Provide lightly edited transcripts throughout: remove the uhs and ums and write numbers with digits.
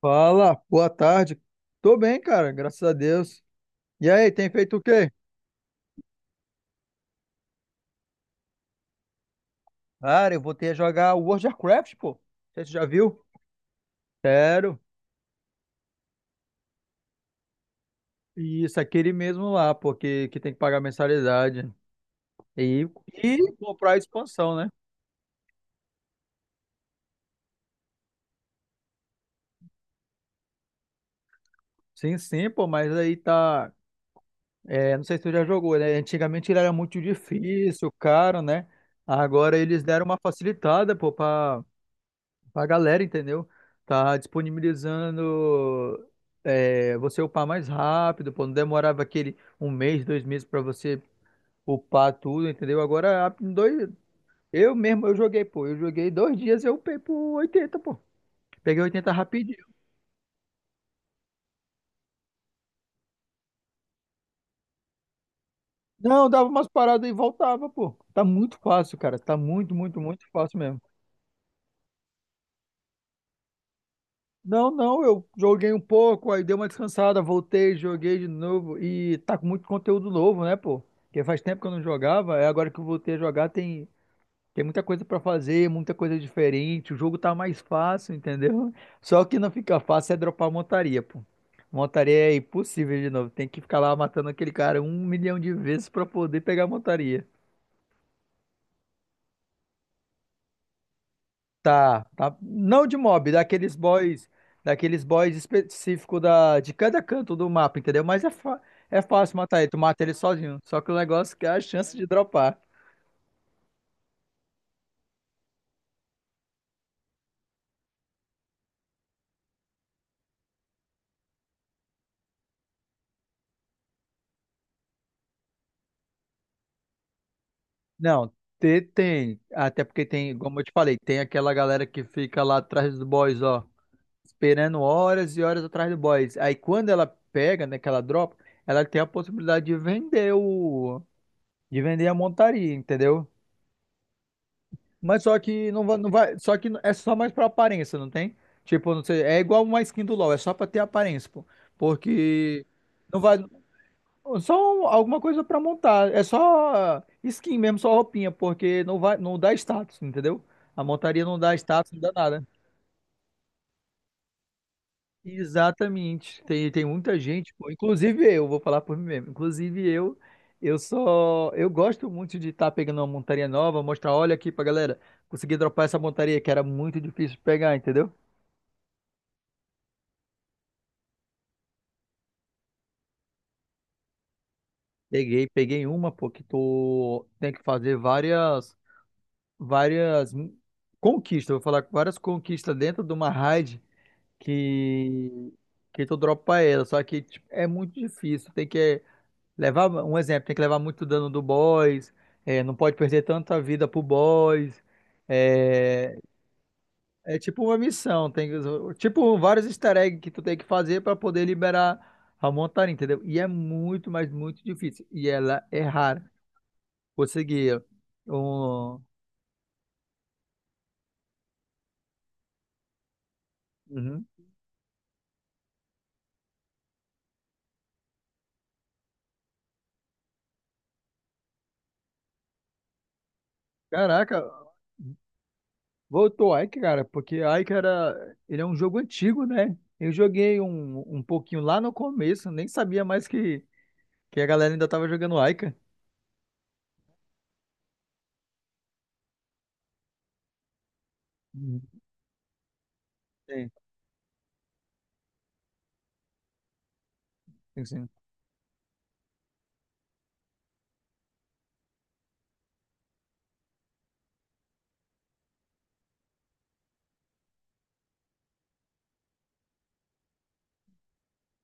Fala, boa tarde. Tô bem, cara, graças a Deus. E aí, tem feito o quê? Cara, eu voltei a jogar World of Warcraft, pô. Não sei se você já viu? Sério? E isso, aquele mesmo lá, pô, que tem que pagar mensalidade. E, e comprar a expansão, né? Sim, sim, pô, mas aí tá. É, não sei se tu já jogou, né? Antigamente ele era muito difícil, caro, né? Agora eles deram uma facilitada, pô, pra, a galera, entendeu? Tá disponibilizando você upar mais rápido, pô. Não demorava aquele um mês, 2 meses pra você upar tudo, entendeu? Agora, eu mesmo, eu joguei, pô. Eu joguei 2 dias, eu upei por 80, pô. Peguei 80 rapidinho. Não, dava umas paradas e voltava, pô. Tá muito fácil, cara. Tá muito, muito, muito fácil mesmo. Não, não, eu joguei um pouco, aí dei uma descansada, voltei, joguei de novo e tá com muito conteúdo novo, né, pô? Porque faz tempo que eu não jogava, é agora que eu voltei a jogar, tem muita coisa pra fazer, muita coisa diferente, o jogo tá mais fácil, entendeu? Só que não fica fácil é dropar montaria, pô. Montaria é impossível de novo, tem que ficar lá matando aquele cara um milhão de vezes pra poder pegar a montaria. Tá, tá. Não de mob, daqueles boys específico de cada canto do mapa, entendeu? Mas é, é fácil matar ele, tu mata ele sozinho. Só que o negócio é que é a chance de dropar. Não, tem. Até porque tem, como eu te falei, tem aquela galera que fica lá atrás dos boys, ó, esperando horas e horas atrás do boys. Aí quando ela pega, né, que ela dropa, ela tem a possibilidade de vender a montaria, entendeu? Mas só que não vai, só que é só mais pra aparência, não tem? Tipo, não sei, é igual uma skin do LoL, é só pra ter aparência, pô. Porque não vai, só um, alguma coisa pra montar, é só skin mesmo, só roupinha, porque não vai, não dá status, entendeu? A montaria não dá status, não dá nada. Exatamente. Tem muita gente, pô, inclusive eu, vou falar por mim mesmo. Inclusive eu, eu gosto muito de estar pegando uma montaria nova, mostrar, olha aqui pra galera, consegui dropar essa montaria que era muito difícil de pegar, entendeu? Peguei uma, pô, que tô, tem que fazer várias conquistas, vou falar várias conquistas dentro de uma raid que que tu dropa ela, só que tipo, é muito difícil, um exemplo, tem que levar muito dano do boss, não pode perder tanta vida pro boss. É, é tipo uma missão, tem tipo vários easter eggs que tu tem que fazer para poder liberar a montaria, entendeu? E é muito, mas muito difícil. E ela é rara. Conseguir um. Uhum. Caraca, voltou Ike, cara, porque Ike era. Ele é um jogo antigo, né? Eu joguei um pouquinho lá no começo, nem sabia mais que a galera ainda tava jogando Ike. Uhum. Sim. Sim, sim.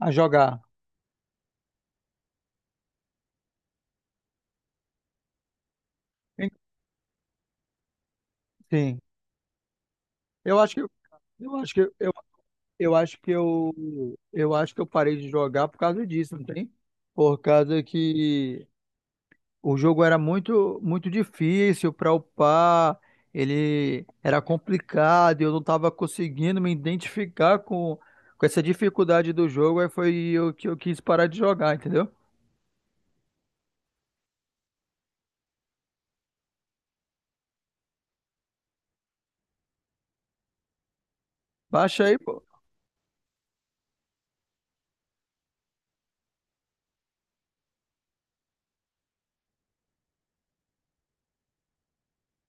A jogar. En- Sim. Eu acho que eu acho que eu, eu parei de jogar por causa disso, não tem? Por causa que o jogo era muito muito difícil para upar, ele era complicado, e eu não estava conseguindo me identificar com essa dificuldade do jogo, aí foi o que eu quis parar de jogar, entendeu? Baixa aí.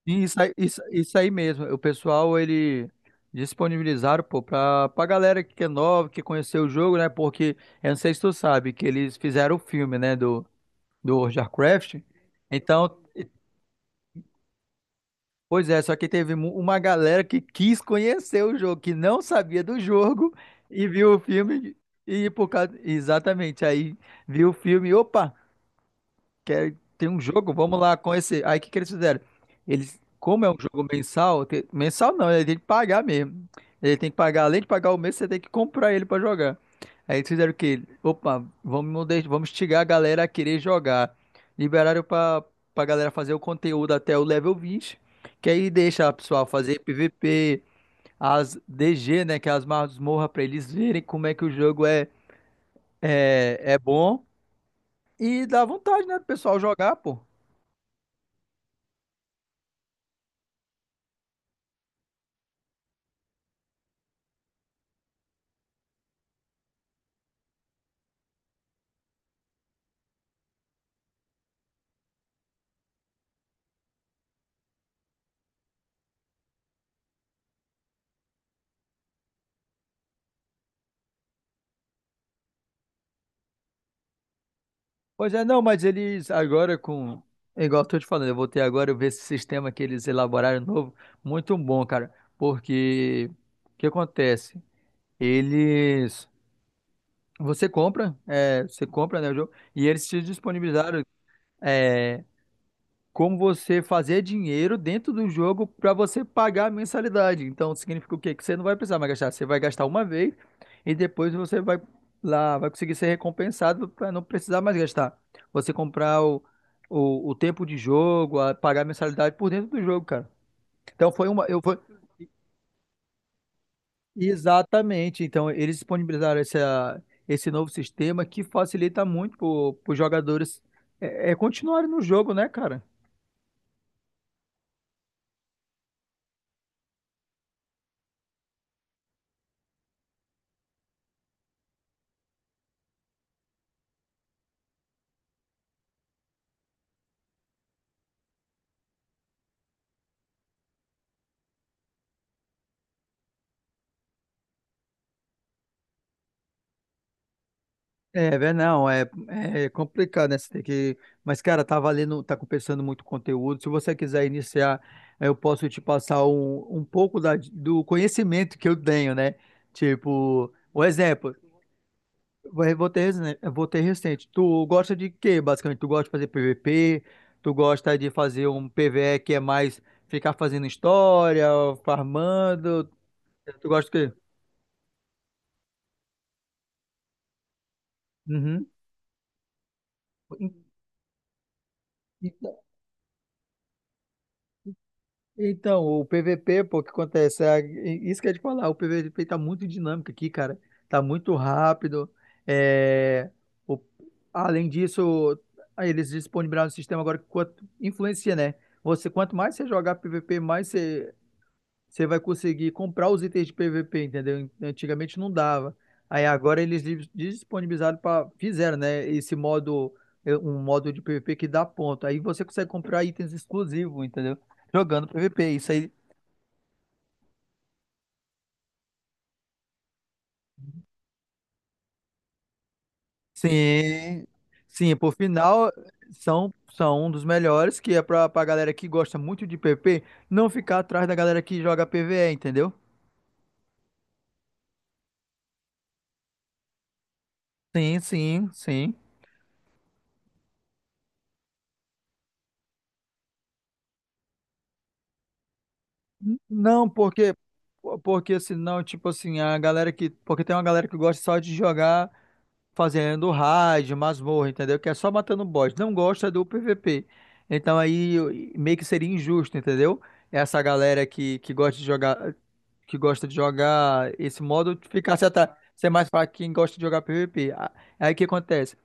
Sim, isso aí, isso aí mesmo. O pessoal, ele disponibilizaram, pô, pra galera que é nova, que conheceu o jogo, né? Porque, eu não sei se tu sabe, que eles fizeram o filme, né? Do World of Warcraft. Então, pois é, só que teve uma galera que quis conhecer o jogo, que não sabia do jogo e viu o filme. E por causa. Exatamente, aí viu o filme, opa! Tem um jogo, vamos lá com esse. Aí o que, que eles fizeram? Eles, como é um jogo mensal, mensal não, ele tem que pagar mesmo. Ele tem que pagar, além de pagar o mês, você tem que comprar ele pra jogar. Aí eles fizeram o quê? Opa, vamos instigar a galera a querer jogar. Liberaram pra galera fazer o conteúdo até o level 20 que aí deixa a pessoa fazer PVP, as DG, né, que é as masmorras, pra eles verem como é que o jogo é bom. E dá vontade, né, do pessoal jogar, pô. Pois é, não, mas eles agora com. É igual eu tô te falando, eu voltei agora, eu vi esse sistema que eles elaboraram novo, muito bom, cara. Porque o que acontece? Eles. Você compra, né, o jogo, e eles te disponibilizaram. é, como você fazer dinheiro dentro do jogo para você pagar a mensalidade. Então, significa o quê? Que você não vai precisar mais gastar. Você vai gastar uma vez e depois você vai lá, vai conseguir ser recompensado para não precisar mais gastar. Você comprar o tempo de jogo, pagar a mensalidade por dentro do jogo, cara. Então, foi uma. Eu, foi... Exatamente. Então, eles disponibilizaram esse novo sistema que facilita muito para os jogadores continuarem no jogo, né, cara? É, vé, não, é complicado, né? Você tem que. Mas, cara, tá valendo, tá compensando muito conteúdo. Se você quiser iniciar, eu posso te passar um pouco do conhecimento que eu tenho, né? Tipo, um exemplo, eu vou ter recente. Tu gosta de quê, basicamente? Tu gosta de fazer PVP? Tu gosta de fazer um PVE que é mais ficar fazendo história, farmando? Tu gosta de quê? Uhum. Então, o PVP, pô, o que acontece? É, isso que eu ia te falar, o PVP tá muito dinâmico aqui, cara. Tá muito rápido. É, o- além disso, aí eles disponibilizaram um sistema agora que influencia, né? Você, quanto mais você jogar PVP, mais você vai conseguir comprar os itens de PVP, entendeu? Antigamente não dava. Aí agora eles disponibilizaram para fizeram, né, um modo de PVP que dá ponto. Aí você consegue comprar itens exclusivos, entendeu? Jogando PVP. Isso aí. Sim. Sim, por final são um dos melhores que é para galera que gosta muito de PVP não ficar atrás da galera que joga PvE, entendeu? Sim, sim, sim. Não, porque senão, tipo assim, a galera que, porque tem uma galera que gosta só de jogar fazendo raid, masmorra, entendeu? Que é só matando boss, não gosta do PVP. Então aí meio que seria injusto, entendeu? Essa galera que gosta de jogar esse modo ficasse atrás, ser mais pra quem gosta de jogar PVP. Aí o que acontece?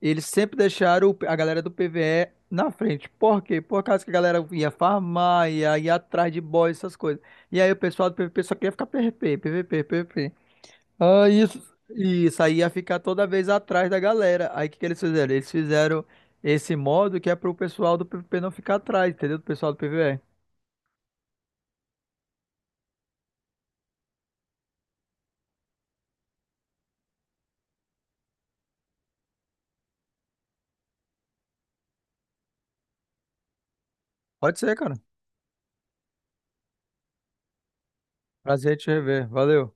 Eles sempre deixaram a galera do PvE na frente. Por quê? Por causa que a galera ia farmar, ia atrás de boss, essas coisas. E aí o pessoal do PvP só queria ficar PvP, PvP, PvP. Ah, isso. Isso aí ia ficar toda vez atrás da galera. Aí o que que eles fizeram? Eles fizeram esse modo que é pro pessoal do PvP não ficar atrás, entendeu? Do pessoal do PvE. Pode ser, cara. Prazer em te rever. Valeu.